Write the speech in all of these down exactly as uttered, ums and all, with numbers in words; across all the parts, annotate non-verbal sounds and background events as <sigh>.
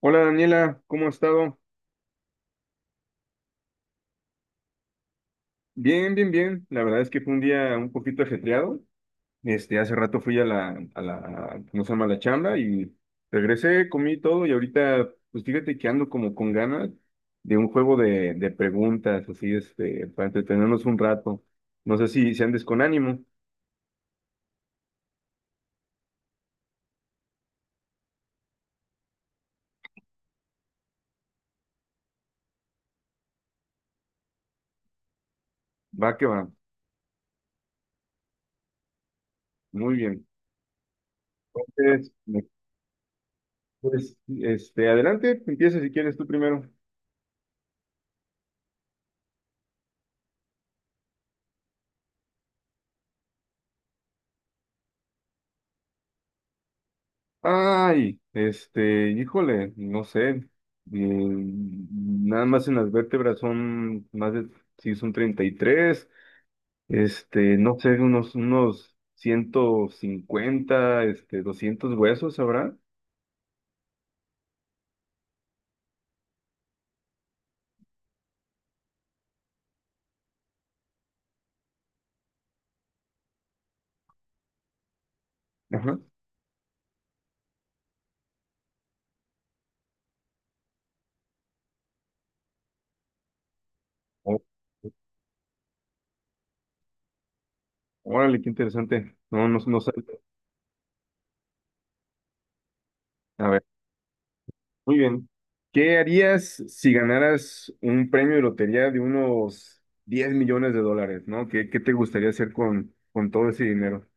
Hola Daniela, ¿cómo has estado? Bien, bien, bien. La verdad es que fue un día un poquito ajetreado. Este, hace rato fui a la, a la, ¿cómo se llama? La chamba y regresé, comí todo y ahorita, pues fíjate que ando como con ganas de un juego de, de preguntas, así, este, para entretenernos un rato. No sé si, si andes con ánimo. Va que va. Muy bien. Entonces, me- pues, este, adelante, empieza si quieres tú primero. Ay, este, híjole, no sé. Eh, nada más en las vértebras son más de, sí, son treinta y tres. Este, no sé, unos, unos ciento cincuenta, este, doscientos huesos habrá. Ajá. O- Órale, qué interesante. No, no, no sabía. A ver, muy bien. ¿Qué harías si ganaras un premio de lotería de unos diez millones de dólares, ¿no? ¿Qué, qué te gustaría hacer con, con todo ese dinero?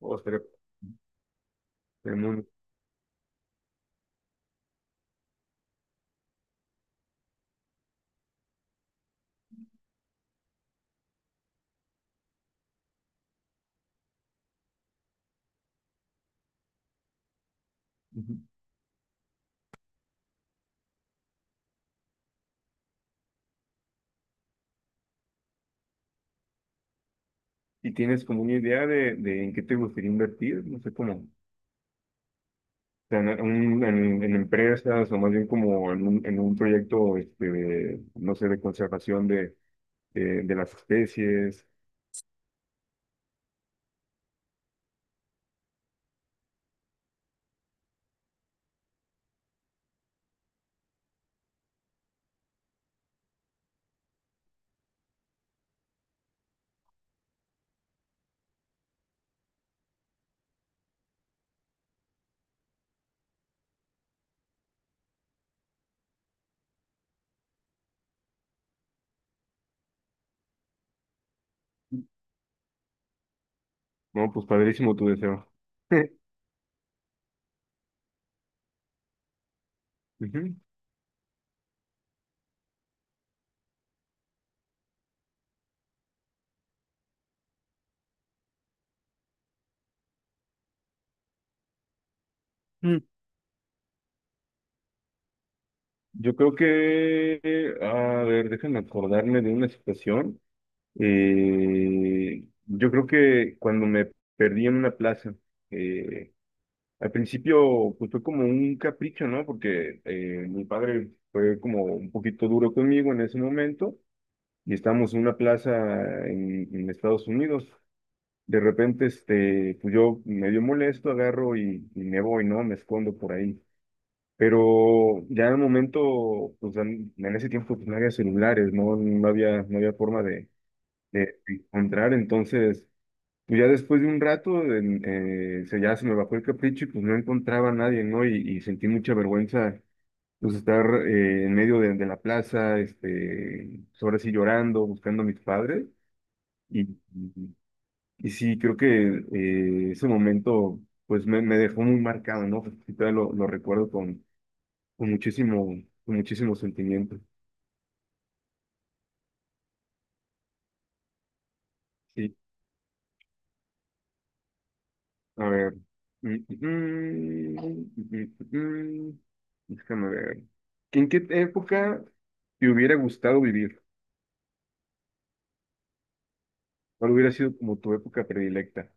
O sea, tenemos- ujú. ¿Y tienes como una idea de, de en qué te gustaría invertir? No sé cómo. O sea, en, un- en- en empresas o más bien como en un, en un proyecto, este, de, no sé, de conservación de, de, de las especies. No, pues padrísimo tu deseo. <laughs> Ujú. Mm. Yo creo que, a ver, déjame acordarme de una situación. Eh, yo creo que cuando me perdí en una plaza, eh, al principio, pues fue como un capricho, ¿no? Porque eh, mi padre fue como un poquito duro conmigo en ese momento y estábamos en una plaza en, en Estados Unidos. De repente, este, pues yo medio molesto, agarro y, y me voy, ¿no? Me escondo por ahí. Pero ya en el momento, pues en, en ese tiempo pues, no había celulares, ¿no? No había, no había forma de, de encontrar. Entonces, pues ya después de un rato en- eh, se, ya se me bajó el capricho y pues no encontraba a nadie, ¿no? Y, y sentí mucha vergüenza, pues estar eh, en medio de, de la plaza, este, pues, ahora sí llorando, buscando a mis padres. Y, y, y sí, creo que eh, ese momento, pues me, me dejó muy marcado, ¿no? Y todavía lo, lo recuerdo con, con muchísimo, con muchísimo sentimiento. Sí. A ver. Mm, mm, mm, mm, mm. mm, mm, mm, mm, mm, mm, mm, Déjame ver. ¿En qué época te hubiera gustado vivir? ¿Cuál hubiera sido como tu época predilecta?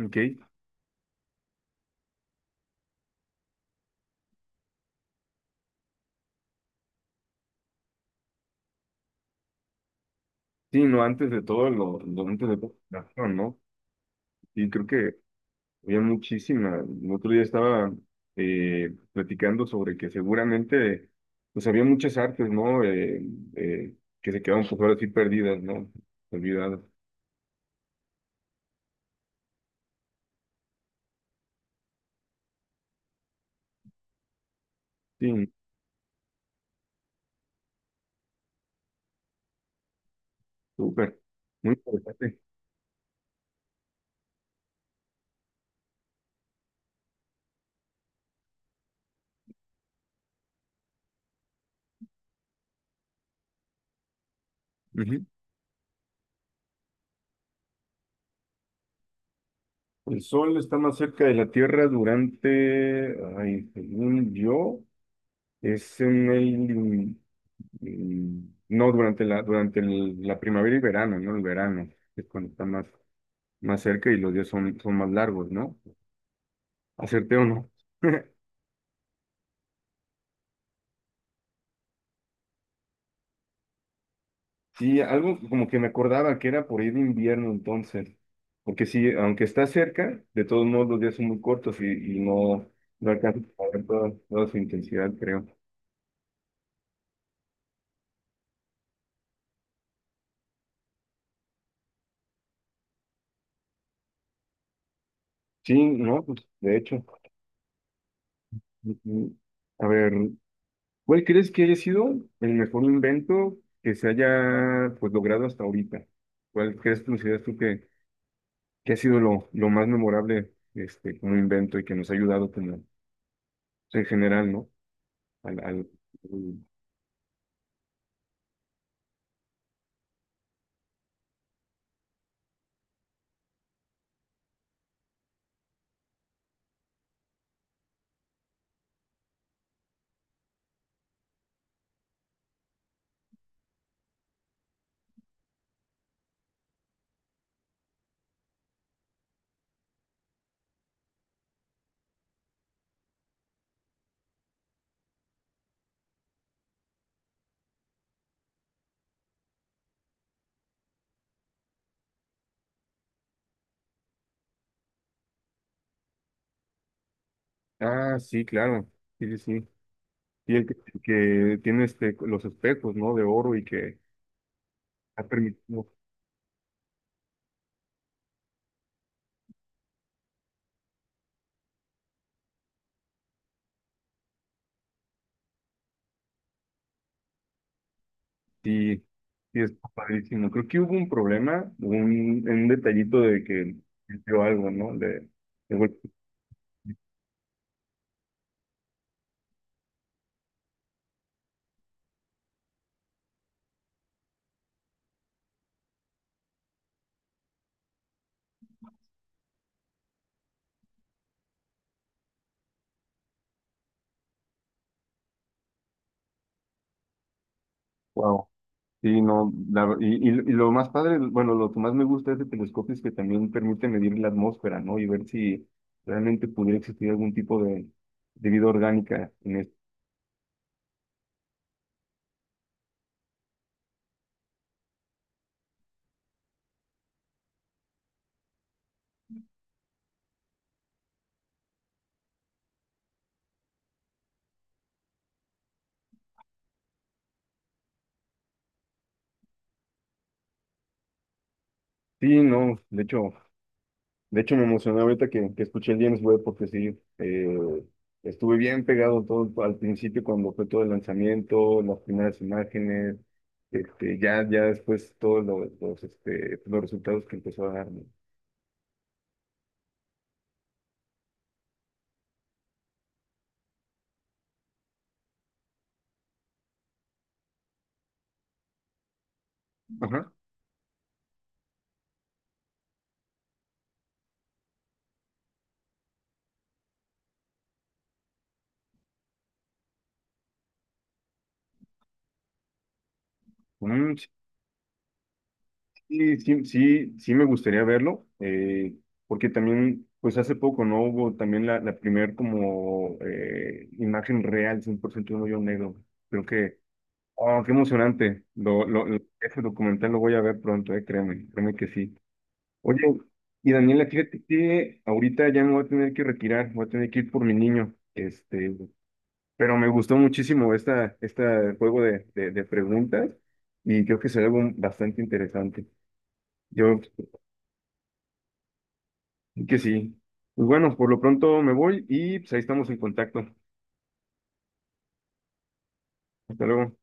Ok. Sí, no, antes de todo, lo, lo antes de todo, no, ¿no? Y creo que había muchísima. El otro día estaba eh, platicando sobre que seguramente, pues había muchas artes, ¿no? Eh, eh, que se quedaron pues ahora sí perdidas, ¿no? Olvidadas. Sí, súper. Muy interesante. El Sol está más cerca de la Tierra durante, ay, según yo, es en el, in- in- no, durante la, durante el- la primavera y verano, ¿no? El verano es cuando está más, más cerca y los días son, son más largos, ¿no? ¿Acerté o no? <laughs> Sí, algo como que me acordaba que era por ahí de invierno entonces, porque sí, aunque está cerca, de todos modos los días son muy cortos y, y no, no alcanza a ver toda, toda su intensidad, creo. Sí, no, pues de hecho. Ujú. A ver, ¿cuál crees que haya sido el mejor invento que se haya pues logrado hasta ahorita? ¿Cuál crees, consideras tú que, que ha sido lo, lo más memorable este, como invento y que nos ha ayudado como o sea, en general, ¿no? Al, al- al- Ah, sí, claro, sí, sí, sí. Y el que, que tiene este, los espejos, ¿no? De oro y que ha permitido, sí, sí, es padrísimo. Creo que hubo un problema, un, un detallito de que dio algo, ¿no? De, de golpe. Wow. Sí, no, la- y, y- y lo más padre, bueno, lo que más me gusta de este telescopio es que también permite medir la atmósfera, ¿no? Y ver si realmente pudiera existir algún tipo de, de vida orgánica en este. Sí, no, de hecho, de hecho me emocioné ahorita que, que escuché el James Webb porque sí, eh, estuve bien pegado todo al principio cuando fue todo el lanzamiento, las primeras imágenes, este, ya, ya después todos los, los, este, los resultados que empezó a dar, ¿no? Ajá. Sí, sí, sí, sí me gustaría verlo, eh, porque también, pues hace poco, ¿no? Hubo también la, la primer como eh, imagen real, cien por ciento de un hoyo negro. Creo que, oh, qué emocionante. Lo, lo, lo- ese documental lo voy a ver pronto, eh, créeme, créeme que sí. Oye, y Daniela, fíjate que ahorita ya me voy a tener que retirar, voy a tener que ir por mi niño, este, pero me gustó muchísimo esta, este juego de, de, de preguntas y creo que será algo bastante interesante. Yo que sí. Pues bueno, por lo pronto me voy y pues ahí estamos en contacto. Hasta luego.